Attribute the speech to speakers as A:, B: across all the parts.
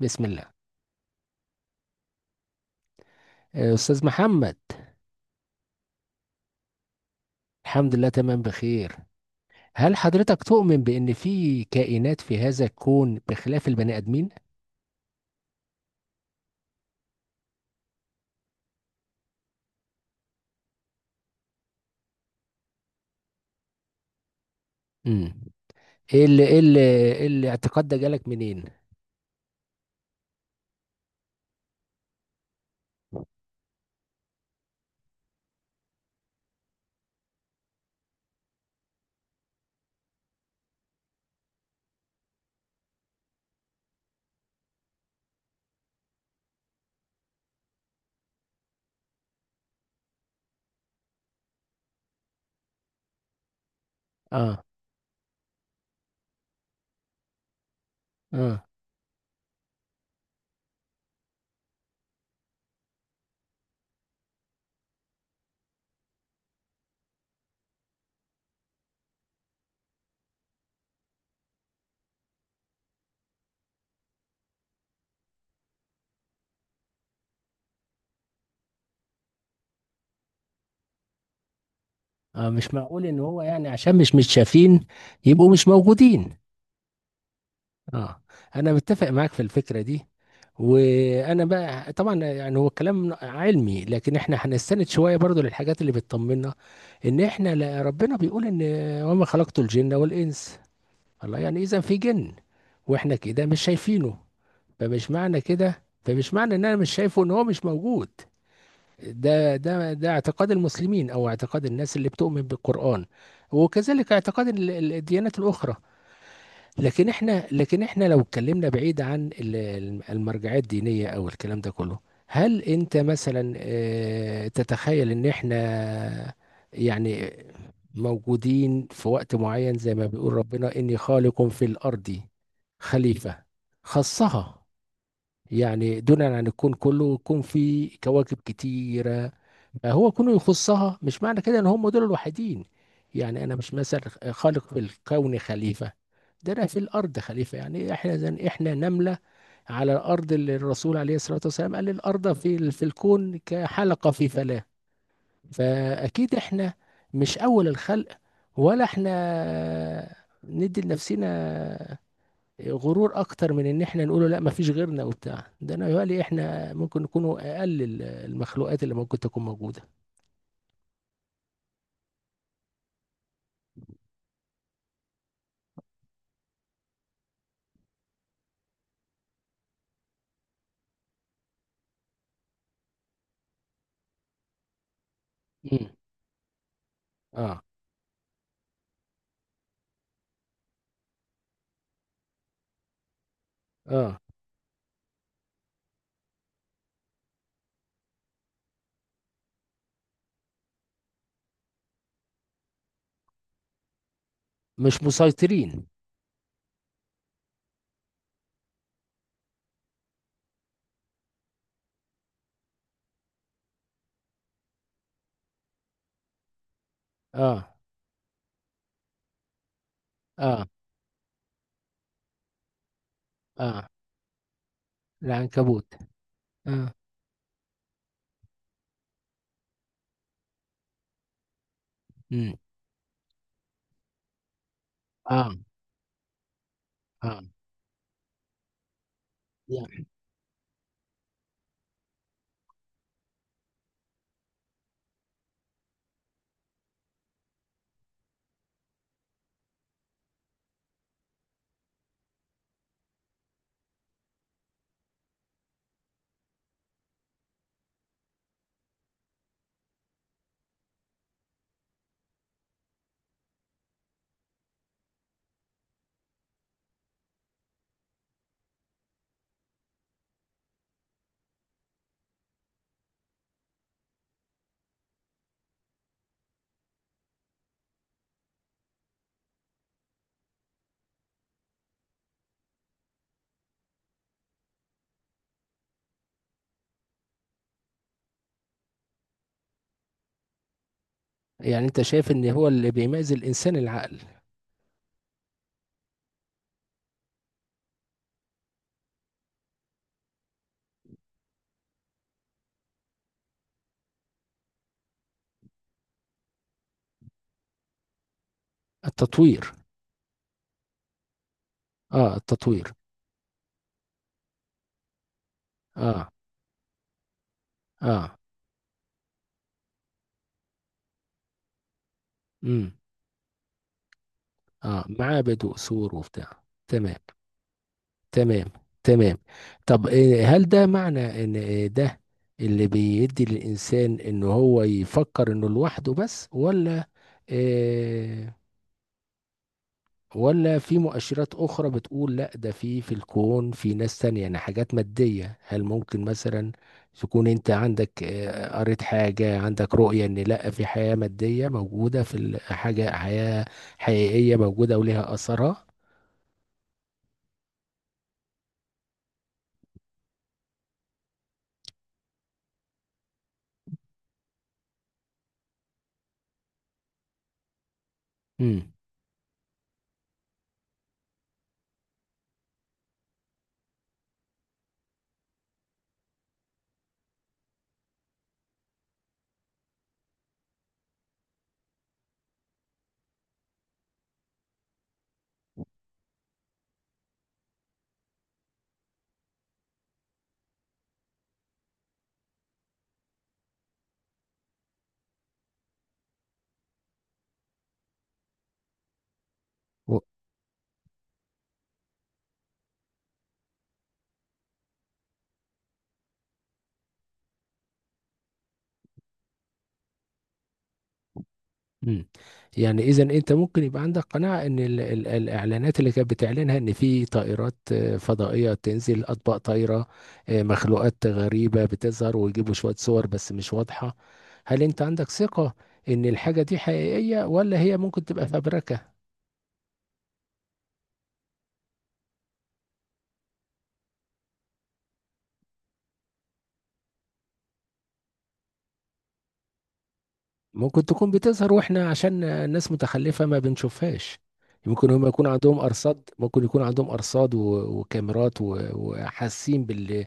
A: بسم الله. آه، أستاذ محمد. الحمد لله، تمام، بخير. هل حضرتك تؤمن بأن في كائنات في هذا الكون بخلاف البني آدمين؟ امم ايه اللي ايه اللي إيه الاعتقاد ده جالك منين؟ اه، اه، اه، مش معقول ان هو يعني عشان مش متشافين، يبقوا مش موجودين. اه، انا متفق معاك في الفكره دي. وانا بقى طبعا، يعني هو كلام علمي، لكن احنا هنستند شويه برضو للحاجات اللي بتطمنا، ان احنا ربنا بيقول ان: وما خلقت الجن والانس. الله، يعني اذا في جن واحنا كده مش شايفينه، فمش معنى ان انا مش شايفه ان هو مش موجود. ده اعتقاد المسلمين، او اعتقاد الناس اللي بتؤمن بالقرآن، وكذلك اعتقاد الديانات الاخرى. لكن احنا لو اتكلمنا بعيد عن المرجعيه الدينيه او الكلام ده كله، هل انت مثلا تتخيل ان احنا، يعني، موجودين في وقت معين، زي ما بيقول ربنا اني خالق في الارض خليفه، خصها. يعني دونا عن الكون كله. الكون فيه كواكب كتيرة، فهو كونه يخصها مش معنى كده ان هم دول الوحيدين. يعني انا مش مثلا خالق في الكون خليفة، ده انا في الارض خليفة، يعني احنا زن احنا نملة على الارض، اللي الرسول عليه الصلاة والسلام قال الارض في الكون كحلقة في فلاة. فاكيد احنا مش اول الخلق، ولا احنا ندي لنفسنا غرور اكتر من ان احنا نقوله لا مفيش غيرنا وبتاع ده، انا يقولي احنا ممكن نكونوا اقل المخلوقات اللي ممكن تكون موجوده. امم اه، اه، مش مسيطرين. اه، اه، اه، العنكبوت. اه. امم اه، اه، يعني يعني انت شايف ان هو اللي بيميز الانسان العقل؟ التطوير. اه، التطوير. اه. اه. امم اه، معاه بدو سور وبتاع، تمام. تمام. تمام. طب هل ده معنى ان إيه ده اللي بيدي للانسان ان هو يفكر انه لوحده بس، ولا إيه، ولا في مؤشرات اخرى بتقول لا، ده في في الكون في ناس تانية، يعني حاجات مادية؟ هل ممكن مثلا تكون انت عندك إيه، قريت حاجة، عندك رؤية ان لا، في حياة مادية موجودة في حاجة، حياة حقيقية موجودة وليها اثرها؟ امم مم. يعني اذا انت ممكن يبقى عندك قناعه ان ال ال الاعلانات اللي كانت بتعلنها ان في طائرات فضائيه تنزل، اطباق طايره، مخلوقات غريبه بتظهر، ويجيبوا شويه صور بس مش واضحه، هل انت عندك ثقه ان الحاجه دي حقيقيه ولا هي ممكن تبقى فبركه؟ ممكن تكون بتظهر واحنا عشان الناس متخلفه ما بنشوفهاش. ممكن هم يكون عندهم ارصاد، ممكن يكون عندهم ارصاد وكاميرات وحاسين بال...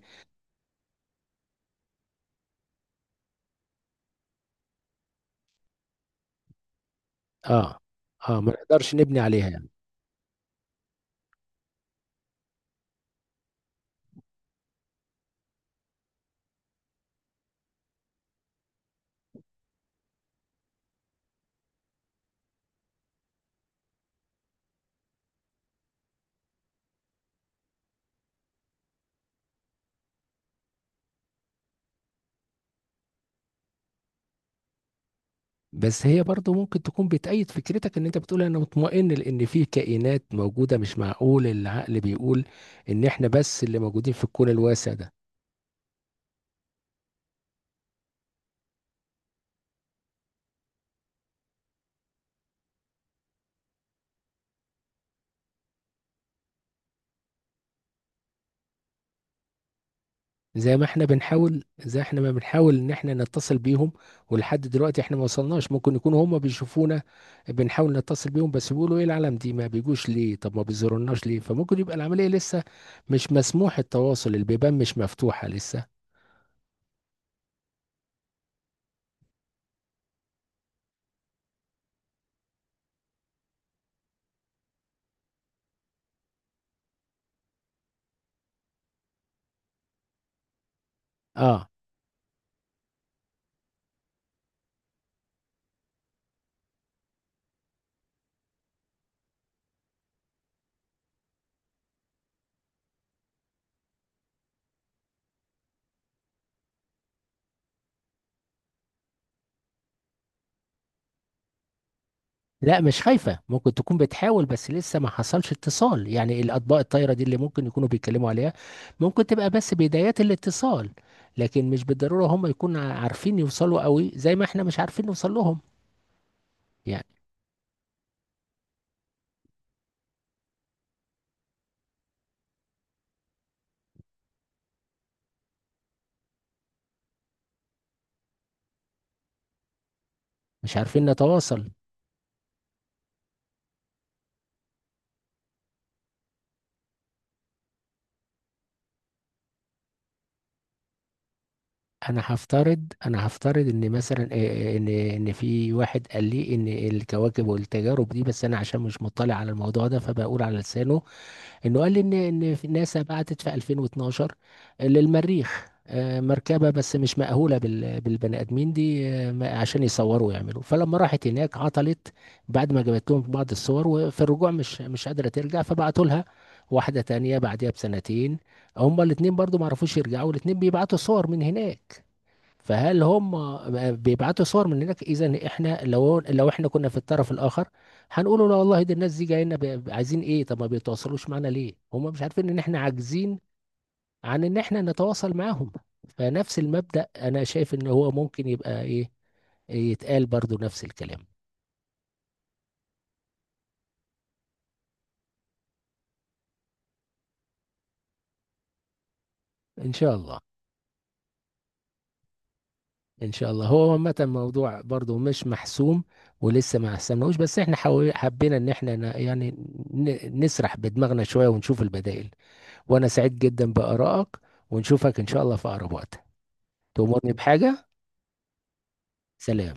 A: اه، اه، ما نقدرش نبني عليها يعني. بس هي برضو ممكن تكون بتأيد فكرتك، ان انت بتقول انا مطمئن لان في كائنات موجودة، مش معقول العقل بيقول ان احنا بس اللي موجودين في الكون الواسع ده. زي احنا ما بنحاول ان احنا نتصل بيهم، ولحد دلوقتي احنا ما وصلناش، ممكن يكونوا هم بيشوفونا، بنحاول نتصل بيهم بس بيقولوا ايه العالم دي ما بيجوش ليه؟ طب ما بيزورناش ليه؟ فممكن يبقى العملية لسه مش مسموح التواصل، البيبان مش مفتوحة لسه. اه، لا، مش خايفة، ممكن تكون بتحاول بس لسه ما حصلش اتصال، يعني الأطباق الطايرة دي اللي ممكن يكونوا بيتكلموا عليها ممكن تبقى بس بدايات الاتصال، لكن مش بالضرورة هم يكونوا عارفين يوصلوا قوي زي ما احنا مش عارفين نوصل لهم، يعني مش عارفين نتواصل. انا هفترض ان مثلا ان في واحد قال لي ان الكواكب والتجارب دي، بس انا عشان مش مطلع على الموضوع ده فبقول على لسانه، انه قال لي ان في ناسا بعتت في 2012 للمريخ مركبة، بس مش مأهولة بالبني آدمين دي، عشان يصوروا ويعملوا، فلما راحت هناك عطلت بعد ما جابت لهم بعض الصور، وفي الرجوع مش قادرة ترجع، فبعتوا لها واحدة تانية بعديها بسنتين، هما الاتنين برضو ما عرفوش يرجعوا، الاتنين بيبعتوا صور من هناك، فهل هم بيبعتوا صور من هناك؟ اذا احنا لو احنا كنا في الطرف الاخر، هنقول لا والله، دي الناس دي جايين عايزين ايه؟ طب ما بيتواصلوش معانا ليه؟ هم مش عارفين ان احنا عاجزين عن ان احنا نتواصل معاهم، فنفس المبدأ انا شايف ان هو ممكن يبقى ايه، يتقال برضو نفس الكلام. ان شاء الله. ان شاء الله. هو عامه الموضوع برضو مش محسوم، ولسه ما حسمناهوش، بس احنا حبينا ان احنا يعني نسرح بدماغنا شوية ونشوف البدائل، وانا سعيد جدا بآرائك، ونشوفك ان شاء الله في اقرب وقت، تؤمرني بحاجة، سلام.